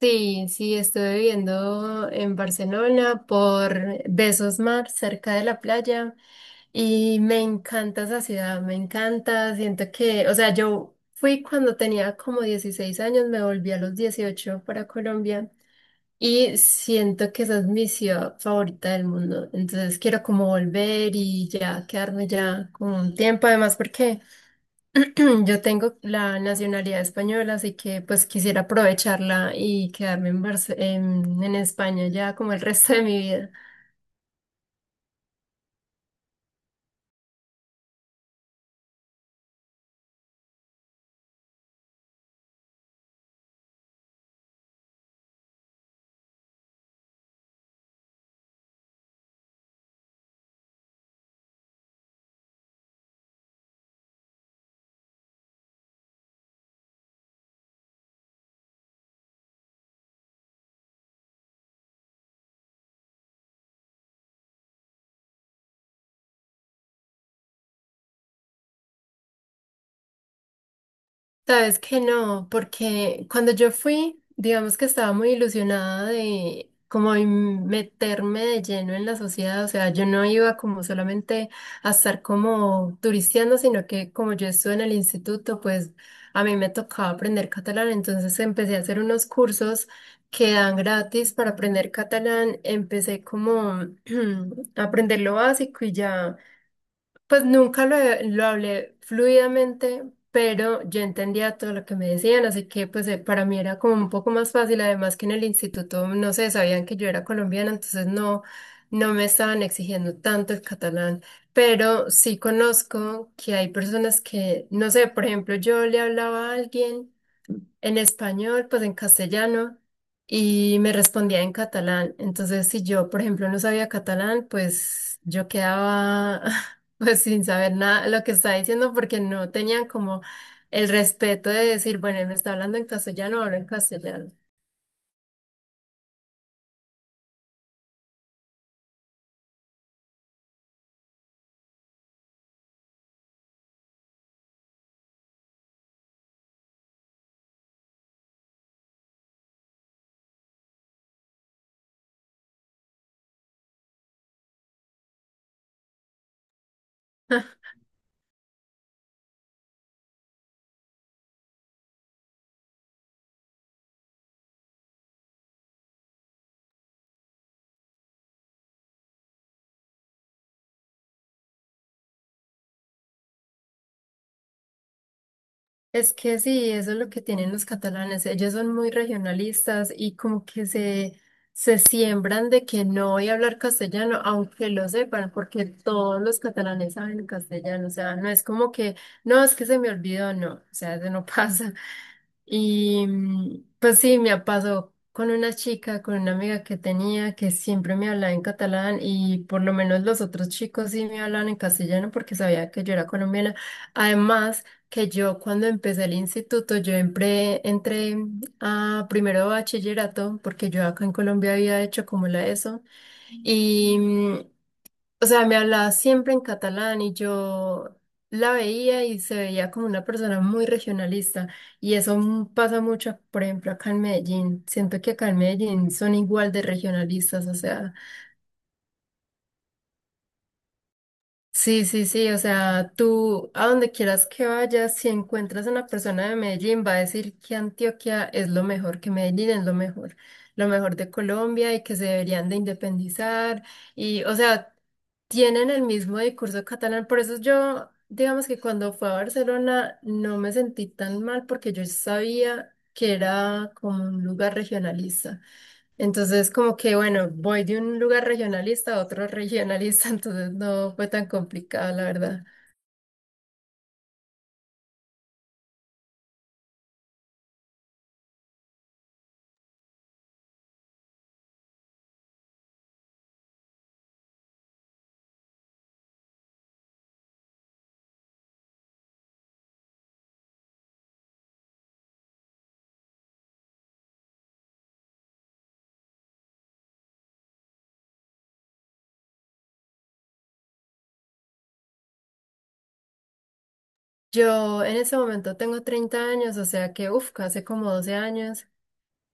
Sí, sí, estuve viviendo en Barcelona por Besos Mar, cerca de la playa, y me encanta esa ciudad, me encanta, siento que, o sea, yo fui cuando tenía como 16 años, me volví a los 18 para Colombia. Y siento que esa es mi ciudad favorita del mundo. Entonces quiero como volver y ya quedarme ya con un tiempo. Además, porque yo tengo la nacionalidad española, así que pues quisiera aprovecharla y quedarme en España ya como el resto de mi vida. Sabes que no, porque cuando yo fui, digamos que estaba muy ilusionada de como en meterme de lleno en la sociedad, o sea, yo no iba como solamente a estar como turisteando, sino que como yo estuve en el instituto, pues a mí me tocaba aprender catalán, entonces empecé a hacer unos cursos que dan gratis para aprender catalán, empecé como a aprender lo básico y ya. Pues nunca lo hablé fluidamente, pero yo entendía todo lo que me decían, así que pues para mí era como un poco más fácil, además que en el instituto, no sé, sabían que yo era colombiana, entonces no me estaban exigiendo tanto el catalán, pero sí conozco que hay personas que, no sé, por ejemplo, yo le hablaba a alguien en español, pues en castellano, y me respondía en catalán. Entonces, si yo, por ejemplo, no sabía catalán, pues yo quedaba pues sin saber nada lo que estaba diciendo porque no tenían como el respeto de decir, bueno, él me está hablando en castellano, hablo en castellano. Es que sí, eso es lo que tienen los catalanes. Ellos son muy regionalistas y como que se siembran de que no voy a hablar castellano, aunque lo sepan, porque todos los catalanes saben castellano. O sea, no es como que, no, es que se me olvidó, no, o sea, eso no pasa. Y pues sí, me pasó con una chica, con una amiga que tenía que siempre me hablaba en catalán y por lo menos los otros chicos sí me hablaban en castellano porque sabía que yo era colombiana. Además, que yo cuando empecé el instituto, yo entré a primero de bachillerato porque yo acá en Colombia había hecho como la ESO y, o sea, me hablaba siempre en catalán y yo la veía y se veía como una persona muy regionalista. Y eso pasa mucho, por ejemplo, acá en Medellín. Siento que acá en Medellín son igual de regionalistas, o sea. Sí, sí, sí, o sea, tú a donde quieras que vayas, si encuentras a una persona de Medellín, va a decir que Antioquia es lo mejor, que Medellín es lo mejor de Colombia y que se deberían de independizar. Y, o sea, tienen el mismo discurso catalán. Por eso yo, digamos que cuando fui a Barcelona no me sentí tan mal porque yo sabía que era como un lugar regionalista. Entonces, como que, bueno, voy de un lugar regionalista a otro regionalista, entonces no fue tan complicado, la verdad. Yo en ese momento tengo 30 años, o sea que, uff, hace como 12 años.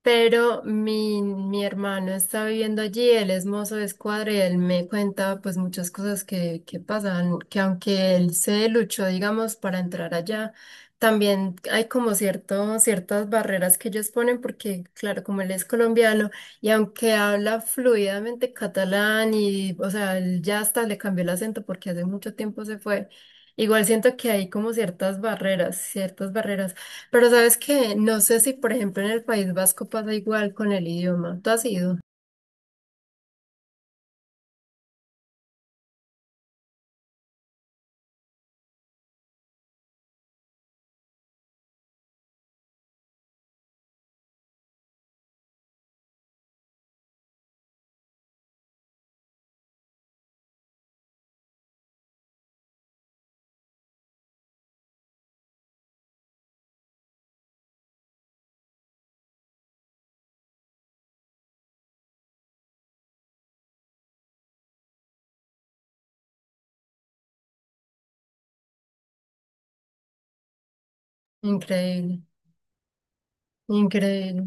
Pero mi hermano está viviendo allí, él es mozo de escuadra y él me cuenta pues muchas cosas que pasan, que aunque él se luchó, digamos, para entrar allá, también hay como ciertas barreras que ellos ponen porque, claro, como él es colombiano y aunque habla fluidamente catalán y, o sea, él ya hasta le cambió el acento porque hace mucho tiempo se fue, igual siento que hay como ciertas barreras, ciertas barreras. Pero sabes que no sé si, por ejemplo, en el País Vasco pasa igual con el idioma. Tú has ido. Increíble, increíble.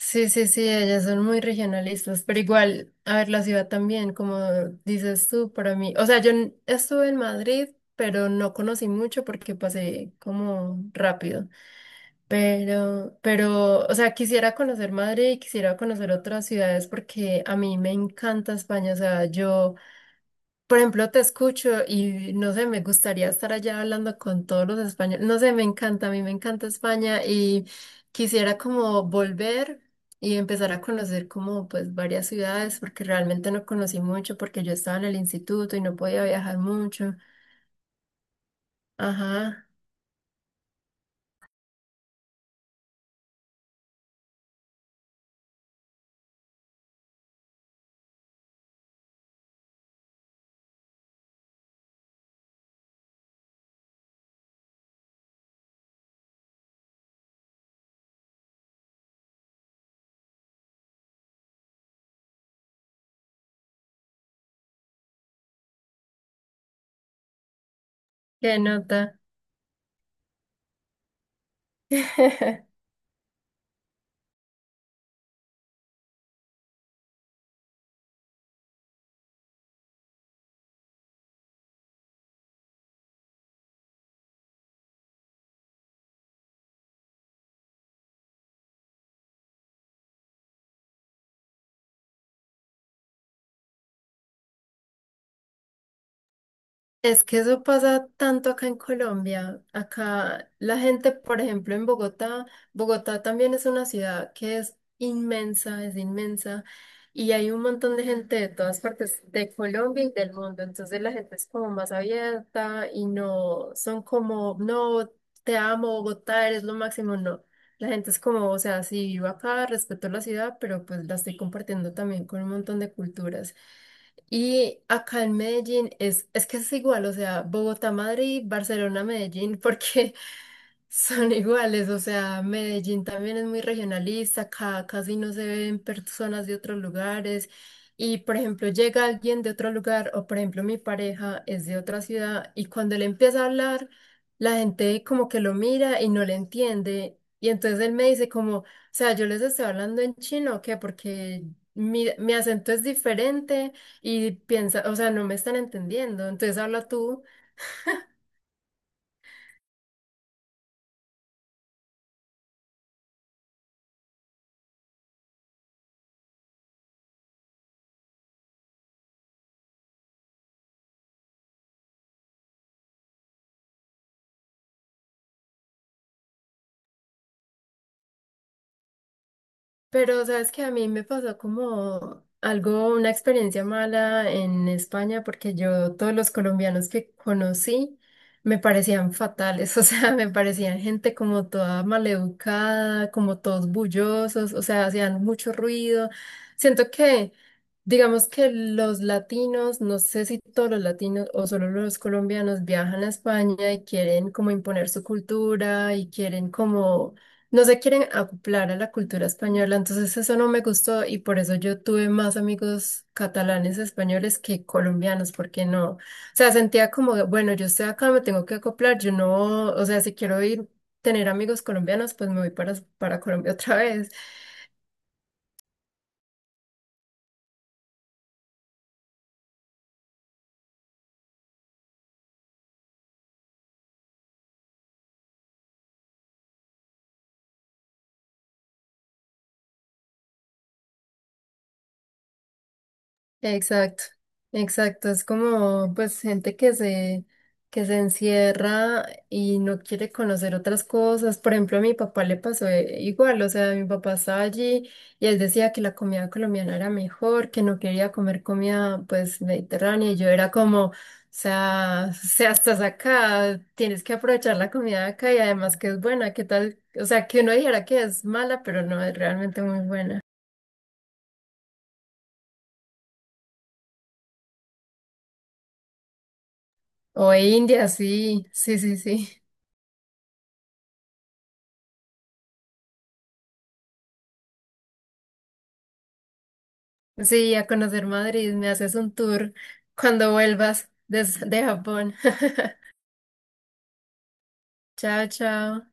Sí, sí, sí, ellas son muy regionalistas, pero igual, a ver, la ciudad también, como dices tú, para mí, o sea, estuve en Madrid, pero no conocí mucho porque pasé como rápido, pero, o sea, quisiera conocer Madrid y quisiera conocer otras ciudades porque a mí me encanta España, o sea, yo... Por ejemplo, te escucho y no sé, me gustaría estar allá hablando con todos los españoles. No sé, me encanta, a mí me encanta España y quisiera como volver y empezar a conocer como pues varias ciudades porque realmente no conocí mucho porque yo estaba en el instituto y no podía viajar mucho. Ajá, qué nota. Es que eso pasa tanto acá en Colombia. Acá la gente, por ejemplo, en Bogotá, Bogotá también es una ciudad que es inmensa, y hay un montón de gente de todas partes de Colombia y del mundo. Entonces la gente es como más abierta y no son como, no, te amo, Bogotá, eres lo máximo. No, la gente es como, o sea, sí, vivo acá, respeto la ciudad, pero pues la estoy compartiendo también con un montón de culturas. Y acá en Medellín es que es igual, o sea, Bogotá, Madrid, Barcelona, Medellín, porque son iguales, o sea, Medellín también es muy regionalista, casi no se ven personas de otros lugares y, por ejemplo, llega alguien de otro lugar o, por ejemplo, mi pareja es de otra ciudad y cuando él empieza a hablar, la gente como que lo mira y no le entiende y entonces él me dice como, o sea, yo les estoy hablando en chino, ¿o ¿qué? Porque mi acento es diferente y piensa, o sea, no me están entendiendo, entonces habla tú. Pero sabes que a mí me pasó como algo, una experiencia mala en España, porque yo todos los colombianos que conocí me parecían fatales, o sea, me parecían gente como toda maleducada, como todos bullosos, o sea, hacían mucho ruido. Siento que, digamos que los latinos, no sé si todos los latinos o solo los colombianos viajan a España y quieren como imponer su cultura y quieren como no se quieren acoplar a la cultura española, entonces eso no me gustó y por eso yo tuve más amigos catalanes españoles que colombianos, porque no, o sea, sentía como, de, bueno, yo estoy acá, me tengo que acoplar, yo no, o sea, si quiero ir, tener amigos colombianos, pues me voy para Colombia otra vez. Exacto, exacto. Es como pues gente que que se encierra y no quiere conocer otras cosas. Por ejemplo, a mi papá le pasó igual, o sea, mi papá estaba allí y él decía que la comida colombiana era mejor, que no quería comer comida pues mediterránea. Y yo era como, o sea, estás acá, tienes que aprovechar la comida de acá y además que es buena, ¿qué tal? O sea, que uno dijera que es mala, pero no es realmente muy buena. O India, sí, sí, sí, sí. Sí, a conocer Madrid, me haces un tour cuando vuelvas de Japón. Chao, chao.